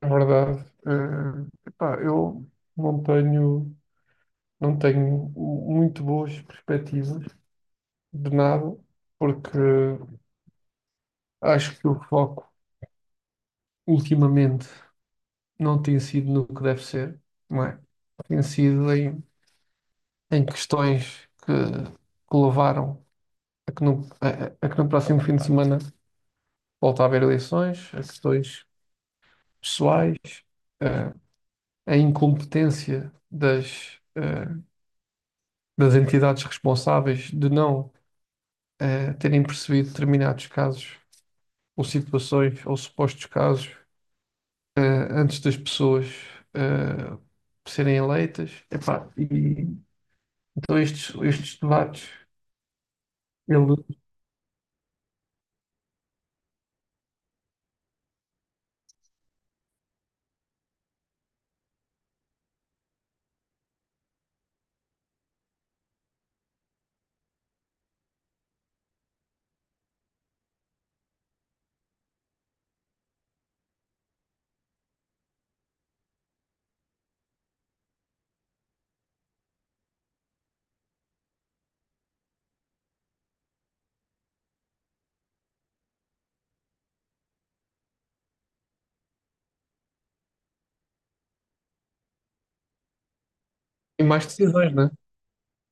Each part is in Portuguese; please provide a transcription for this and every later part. É verdade. Eu não tenho, não tenho muito boas perspectivas de nada, porque acho que o foco ultimamente não tem sido no que deve ser, não é? Tem sido em questões que levaram a que no próximo fim de semana volta a haver eleições, a questões pessoais, eh, a incompetência das entidades responsáveis de não terem percebido determinados casos ou situações ou supostos casos eh, antes das pessoas eh, serem eleitas. Então estes debates, eles têm mais decisões, né?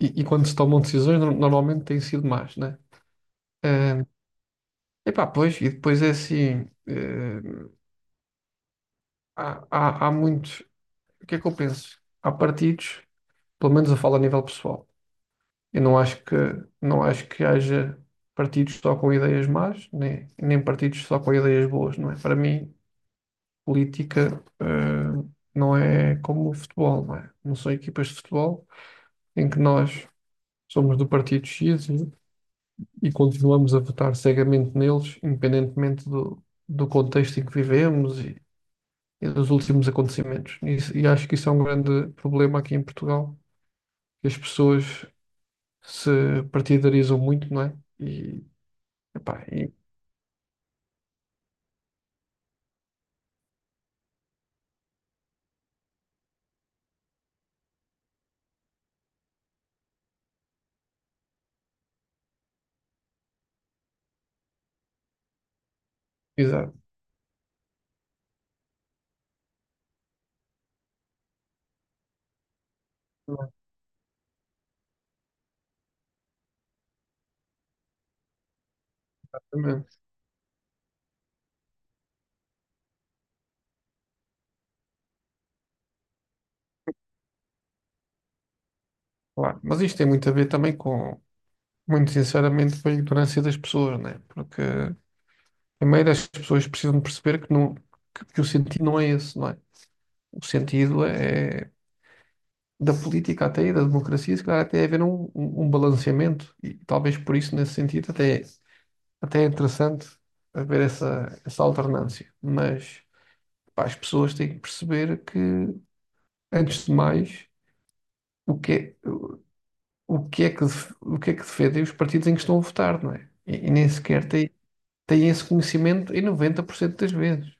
E quando se tomam decisões, normalmente têm sido más, né? Eh, Pois, e depois é assim, há muitos, o que é que eu penso? Há partidos, pelo menos eu falo a nível pessoal. Eu não acho que, Não acho que haja partidos só com ideias más, nem partidos só com ideias boas, não é? Para mim, política, não é como o futebol, não é? Não são equipas de futebol em que nós somos do partido X e continuamos a votar cegamente neles, independentemente do contexto em que vivemos e dos últimos acontecimentos. E acho que isso é um grande problema aqui em Portugal, que as pessoas se partidarizam muito, não é? Epá, Exato, exatamente, claro. Mas isto tem muito a ver também com, muito sinceramente, com a ignorância das pessoas, né? Porque, primeiro, as pessoas precisam de perceber que, que o sentido não é esse, não é? O sentido é da política até e da democracia, se calhar até haver um balanceamento e talvez por isso, nesse sentido, até é interessante haver essa alternância. Mas, pá, as pessoas têm que perceber que, antes de mais, o que é. O que é que defendem os partidos em que estão a votar, não é? E nem sequer têm esse conhecimento em 90% das vezes.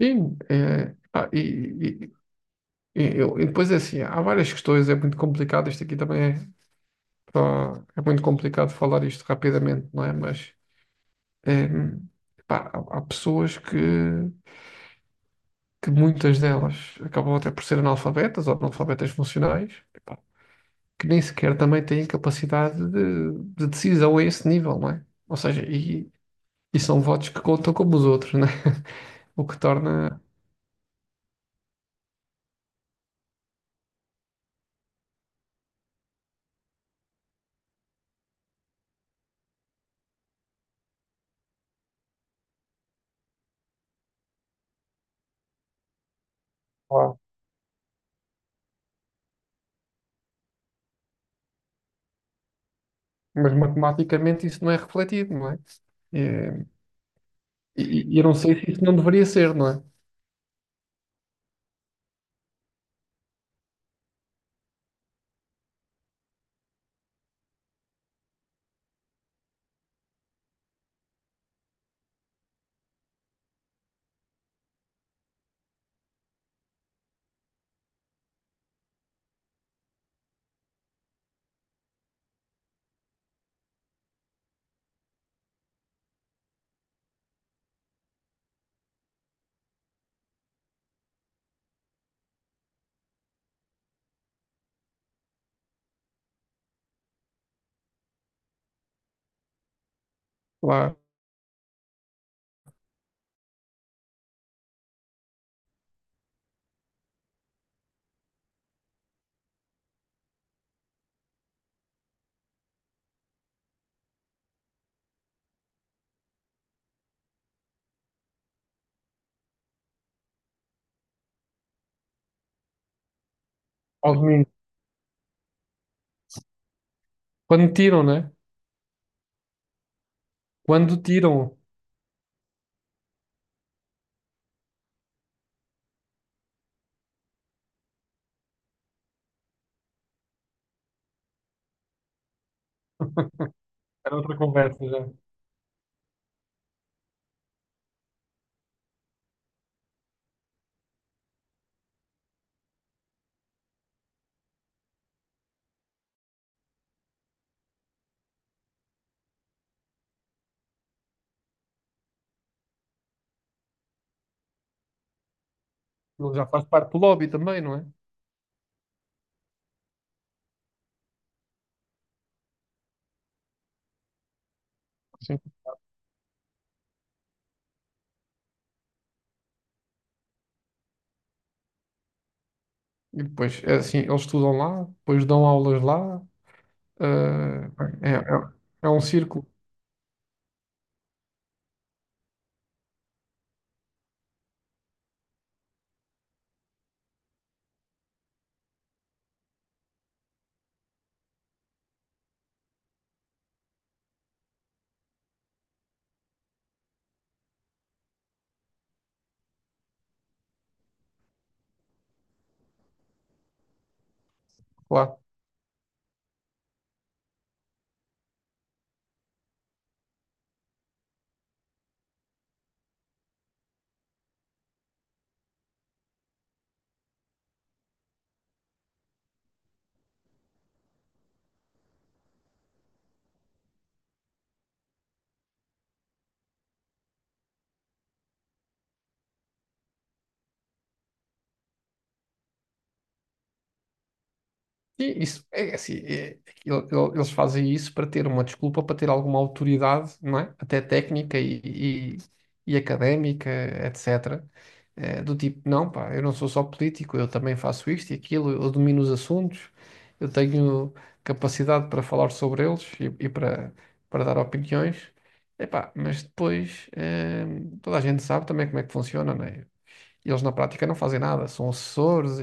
Sim, é, ah, e, e- e depois é assim, há várias questões, é muito complicado, isto aqui também é, só- é muito complicado falar isto rapidamente, não é? Mas é, pá, há pessoas que muitas delas acabam até por ser analfabetas ou analfabetas funcionais, epá, que nem sequer também têm capacidade de decisão a esse nível, não é? E são votos que contam como os outros, não é? O que torna. Claro. Mas matematicamente isso não é refletido, não é? É, E e eu não sei se isso não deveria ser, não é? Lá, ao domingo. Quando tiram, não é? Quando tiram. Era outra conversa já. Ele já faz parte do lobby também, não é? Sim. E depois, é assim, eles estudam lá, depois dão aulas lá. eh, é, é, É um círculo lá. E isso, eles fazem isso para ter uma desculpa, para ter alguma autoridade, não é? Até técnica e- e académica, etc. Do tipo, não, pá, eu não sou só político, eu também faço isto e aquilo, eu domino os assuntos, eu tenho capacidade para falar sobre eles para dar opiniões. Epá, mas depois, toda a gente sabe também como é que funciona, não é? E eles na prática não fazem nada, são assessores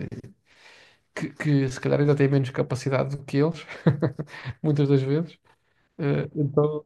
que se calhar ainda têm menos capacidade do que eles, muitas das vezes. Eh, então,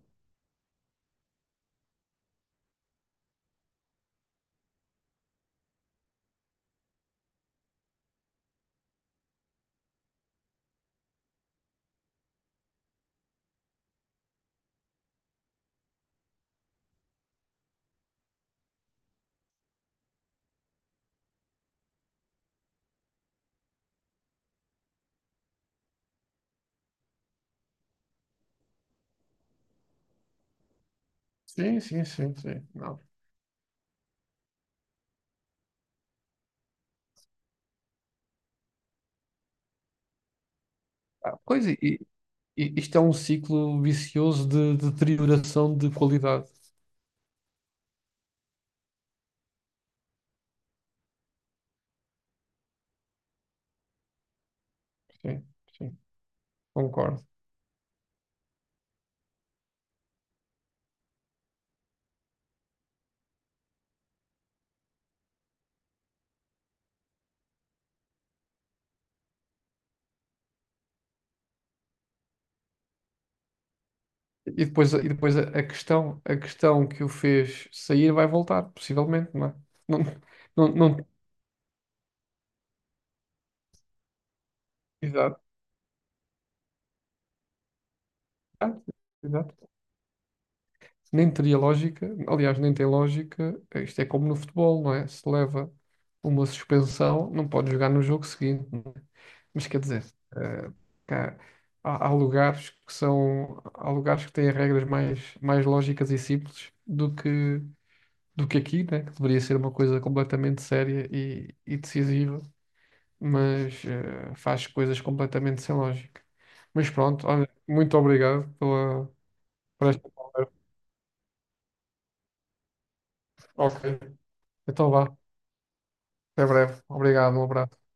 sim, sim, sim, sim. Não. Ah, pois, e, e- e isto é um ciclo vicioso de deterioração de qualidade. Sim, sim, concordo. E depois a questão que o fez sair vai voltar, possivelmente, não é? Não, não, não, Exato. Ah, exato. Nem teria lógica, aliás, nem tem lógica. Isto é como no futebol, não é? Se leva uma suspensão, não pode jogar no jogo seguinte, não é? Mas quer dizer, eh, cá- há, há lugares que são, há lugares que têm regras mais lógicas e simples do que aqui, né? Que deveria ser uma coisa completamente séria e decisiva, mas faz coisas completamente sem lógica. Mas pronto, olha, muito obrigado pela, por esta conversa. Ok, então vá. Até breve. Obrigado, um abraço.